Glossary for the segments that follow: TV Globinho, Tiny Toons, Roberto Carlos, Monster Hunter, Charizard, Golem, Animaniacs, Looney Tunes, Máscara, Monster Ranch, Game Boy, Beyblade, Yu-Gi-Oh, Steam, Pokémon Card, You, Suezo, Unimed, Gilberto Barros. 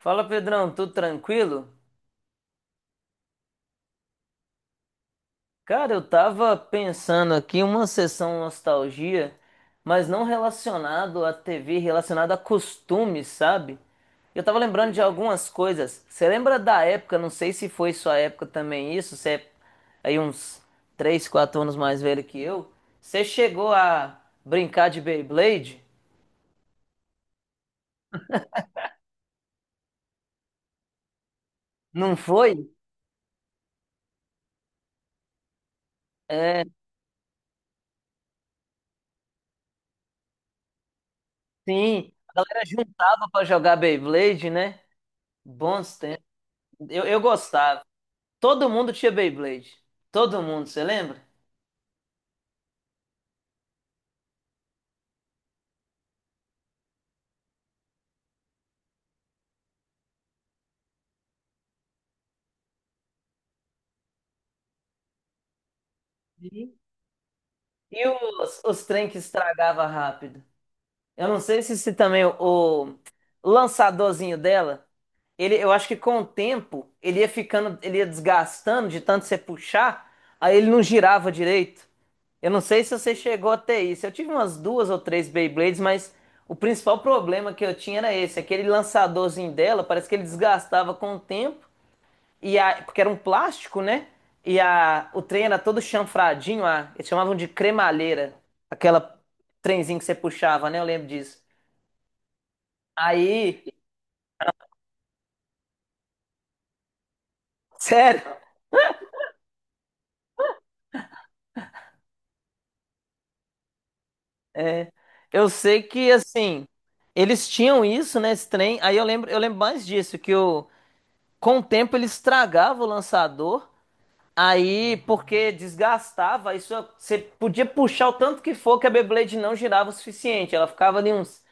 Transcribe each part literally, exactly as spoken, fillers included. Fala Pedrão, tudo tranquilo? Cara, eu tava pensando aqui uma sessão nostalgia, mas não relacionado à T V, relacionado a costumes, sabe? Eu tava lembrando de algumas coisas. Você lembra da época, não sei se foi sua época também isso, você é aí uns três, quatro anos mais velho que eu. Você chegou a brincar de Beyblade? Não foi? É, sim. A galera juntava pra jogar Beyblade, né? Bons tempos. Eu, eu gostava. Todo mundo tinha Beyblade. Todo mundo, você lembra? Sim. E os, os trem que estragava rápido. Eu não sei se, se também o, o lançadorzinho dela, ele, eu acho que com o tempo ele ia ficando, ele ia desgastando de tanto você puxar, aí ele não girava direito. Eu não sei se você chegou até isso. Eu tive umas duas ou três Beyblades, mas o principal problema que eu tinha era esse. Aquele lançadorzinho dela, parece que ele desgastava com o tempo. E a, porque era um plástico, né? E a, o trem era todo chanfradinho, a, eles chamavam de cremalheira, aquela trenzinho que você puxava, né? Eu lembro disso. Aí, sério, é, eu sei que assim, eles tinham isso, né, esse trem. Aí eu lembro, eu lembro mais disso, que o, com o tempo ele estragava o lançador. Aí, porque desgastava, isso você podia puxar o tanto que for que a Beyblade não girava o suficiente. Ela ficava ali uns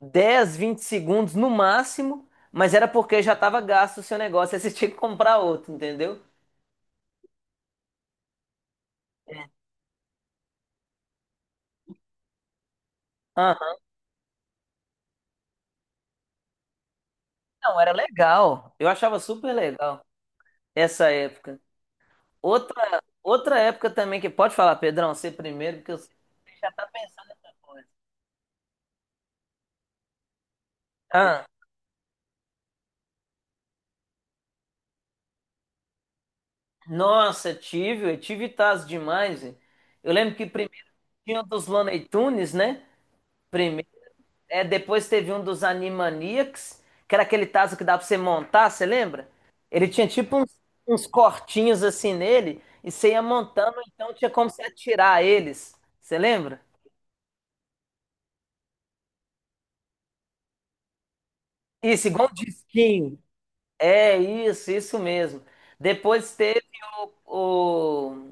dez, vinte segundos no máximo, mas era porque já estava gasto o seu negócio, aí você tinha que comprar outro, entendeu? Aham. Não, era legal. Eu achava super legal essa época. Outra, outra época também que pode falar, Pedrão, você primeiro, porque eu sei que já tá pensando nessa coisa. Ah, nossa, tive, eu tive taz demais, velho. Eu lembro que primeiro tinha o dos Looney Tunes, né? É, depois teve um dos Animaniacs, que era aquele tazo que dava pra você montar, você lembra? Ele tinha tipo uns, uns, cortinhos assim nele, e você ia montando, então tinha como você atirar eles. Você lembra? Isso, igual um disquinho. É isso, isso mesmo. Depois teve o.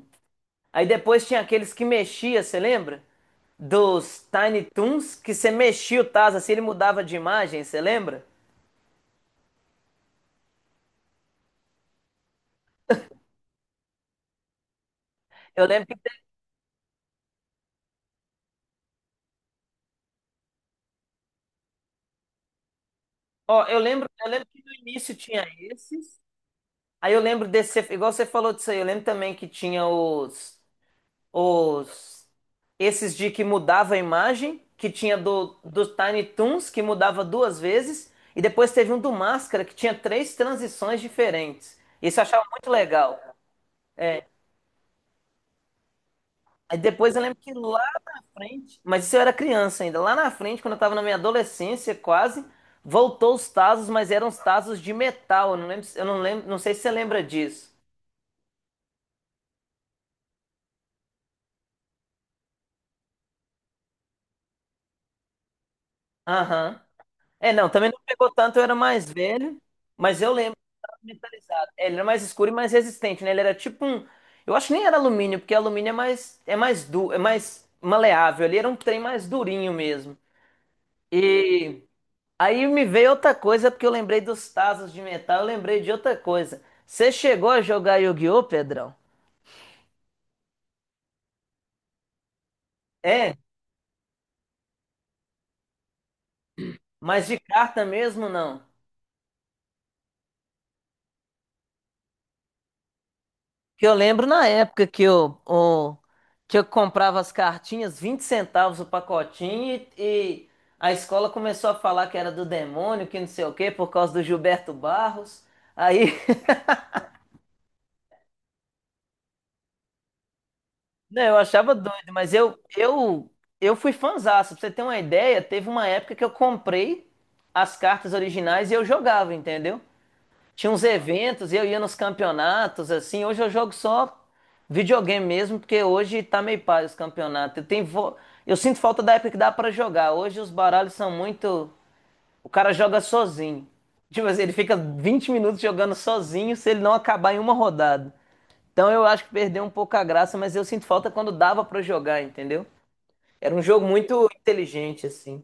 Aí depois tinha aqueles que mexia, você lembra? Dos Tiny Toons, que você mexia o Taz assim, ele mudava de imagem, você lembra? Eu lembro que, ó, eu lembro, eu lembro que no início tinha esses. Aí eu lembro desse, igual você falou disso aí, eu lembro também que tinha os, os, esses de que mudava a imagem, que tinha do, do Tiny Toons, que mudava duas vezes, e depois teve um do Máscara, que tinha três transições diferentes. Isso eu achava muito legal. É. Aí depois eu lembro que lá na frente, mas isso eu era criança ainda, lá na frente, quando eu tava na minha adolescência quase, voltou os Tazos, mas eram os Tazos de metal, eu não lembro, se- eu não lembro, não sei se você lembra disso. Aham. É, não, também não pegou tanto, eu era mais velho, mas eu lembro tava metalizado. É, ele era mais escuro e mais resistente, né? Ele era tipo um. Eu acho que nem era alumínio, porque alumínio é mais, é mais du, é mais maleável. Ele era um trem mais durinho mesmo. E aí me veio outra coisa, porque eu lembrei dos tazos de metal, eu lembrei de outra coisa. Você chegou a jogar Yu-Gi-Oh, Pedrão? É, mas de carta mesmo não. Que eu lembro na época que eu, o- que eu comprava as cartinhas, vinte centavos o pacotinho, e, e a escola começou a falar que era do demônio, que não sei o quê, por causa do Gilberto Barros. Aí, né, eu achava doido, mas eu, eu, eu fui fãzaço. Pra você ter uma ideia, teve uma época que eu comprei as cartas originais e eu jogava, entendeu? Tinha uns eventos e eu ia nos campeonatos, assim. Hoje eu jogo só videogame mesmo, porque hoje tá meio pai os campeonatos. Eu tenho vo- eu sinto falta da época que dá pra jogar. Hoje os baralhos são muito. O cara joga sozinho. Tipo assim, ele fica vinte minutos jogando sozinho se ele não acabar em uma rodada. Então eu acho que perdeu um pouco a graça, mas eu sinto falta quando dava pra jogar, entendeu? Era um jogo muito inteligente, assim.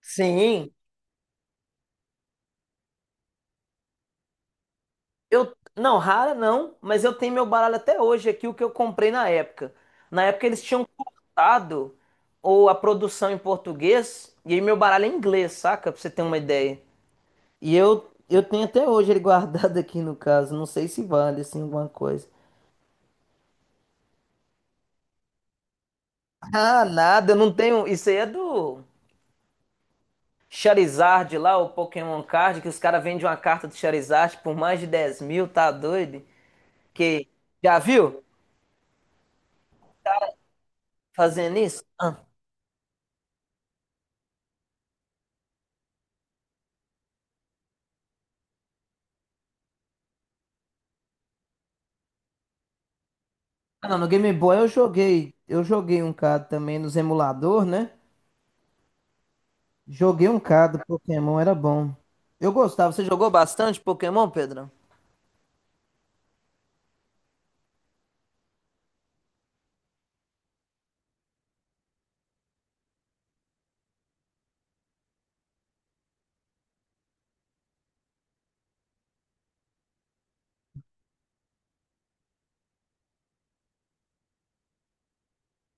Sim. Eu, não, rara não, mas eu tenho meu baralho até hoje aqui, o que eu comprei na época. Na época eles tinham cortado ou a produção em português e aí meu baralho é em inglês, saca? Pra você ter uma ideia. E eu, eu tenho até hoje ele guardado aqui no caso, não sei se vale assim alguma coisa. Ah, nada, eu não tenho. Isso aí é do Charizard lá, o Pokémon Card, que os caras vendem uma carta do Charizard por mais de dez mil, tá doido? Que já viu fazendo isso? Ah. Ah, não, no Game Boy eu joguei. Eu joguei um C A D também nos emulador, né? Joguei um C A D do Pokémon, era bom. Eu gostava. Você jogou bastante Pokémon, Pedrão?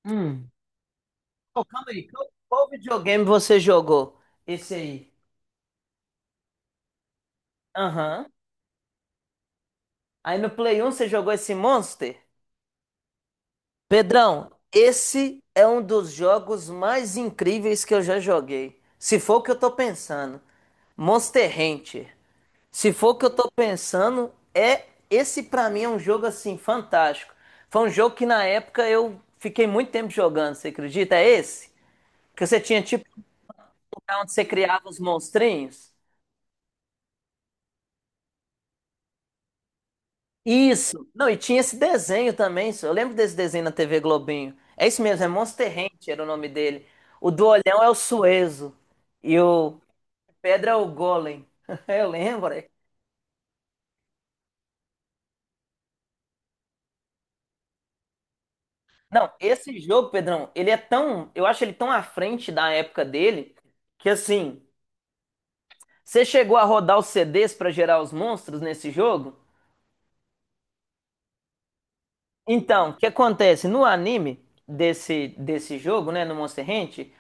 Hum. Ô, calma aí. Qual, qual videogame você jogou? Esse aí. Aham. Aí no Play um você jogou esse Monster? Pedrão, esse é um dos jogos mais incríveis que eu já joguei. Se for o que eu tô pensando. Monster Hunter. Se for o que eu tô pensando, é esse pra mim é um jogo assim fantástico. Foi um jogo que na época eu fiquei muito tempo jogando, você acredita? É esse? Que você tinha tipo um lugar onde você criava os monstrinhos? Isso. Não, e tinha esse desenho também, só eu lembro desse desenho na T V Globinho. É isso mesmo, é Monster Ranch era o nome dele. O do olhão é o Suezo e o Pedra é o Golem. Eu lembro. é Não, esse jogo, Pedrão, ele é tão. Eu acho ele tão à frente da época dele que assim. Você chegou a rodar os C Ds pra gerar os monstros nesse jogo? Então, o que acontece? No anime desse, desse jogo, né? No Monster Hunter,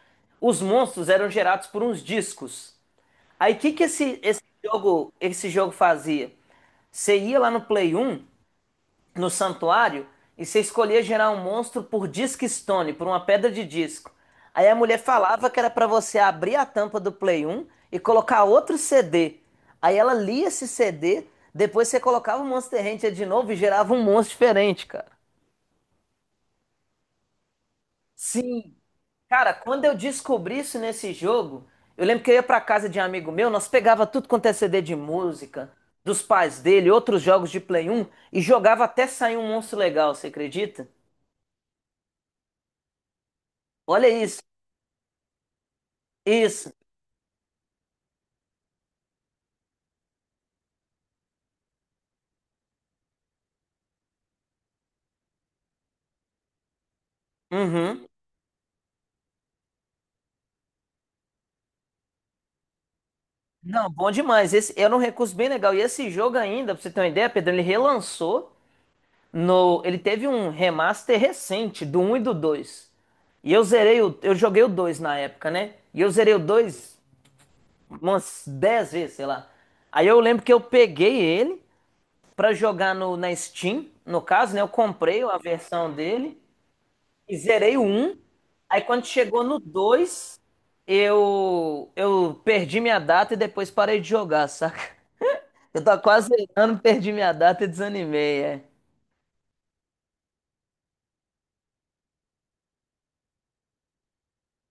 os monstros eram gerados por uns discos. Aí o que, que esse, esse jogo, esse jogo fazia? Você ia lá no Play um no santuário e você escolhia gerar um monstro por disc stone, por uma pedra de disco. Aí a mulher falava que era pra você abrir a tampa do Play um e colocar outro C D. Aí ela lia esse C D, depois você colocava o Monster Hunter de novo e gerava um monstro diferente, cara. Sim. Cara, quando eu descobri isso nesse jogo, eu lembro que eu ia pra casa de um amigo meu, nós pegava tudo quanto é C D de música, dos pais dele, outros jogos de Play um e jogava até sair um monstro legal, você acredita? Olha isso. Isso. Uhum. Não, bom demais. Esse era um recurso bem legal. E esse jogo ainda, pra você ter uma ideia, Pedro, ele relançou no. Ele teve um remaster recente do um e do dois. E eu zerei o. Eu joguei o dois na época, né? E eu zerei o dois umas dez vezes, sei lá. Aí eu lembro que eu peguei ele pra jogar no, na Steam, no caso, né? Eu comprei a versão dele. E zerei o um. Aí quando chegou no dois eu, eu perdi minha data e depois parei de jogar, saca? Eu tava quase zerando, perdi minha data e desanimei, é.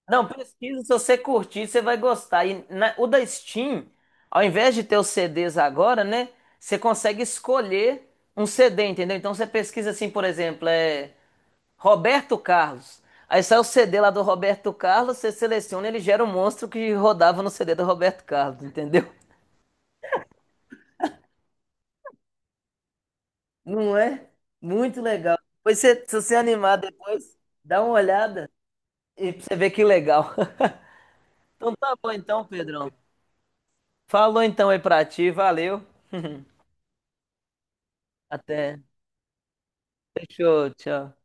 Não, pesquisa, se você curtir, você vai gostar. E na- o da Steam, ao invés de ter os C Ds agora, né? Você consegue escolher um C D, entendeu? Então você pesquisa assim, por exemplo, é Roberto Carlos. Aí sai o C D lá do Roberto Carlos, você seleciona, ele gera um monstro que rodava no C D do Roberto Carlos, entendeu? Não é? Muito legal. Pois você- se você animar depois, dá uma olhada e pra você ver que legal. Então tá bom então, Pedrão. Falou então aí pra ti, valeu. Até. Fechou, tchau.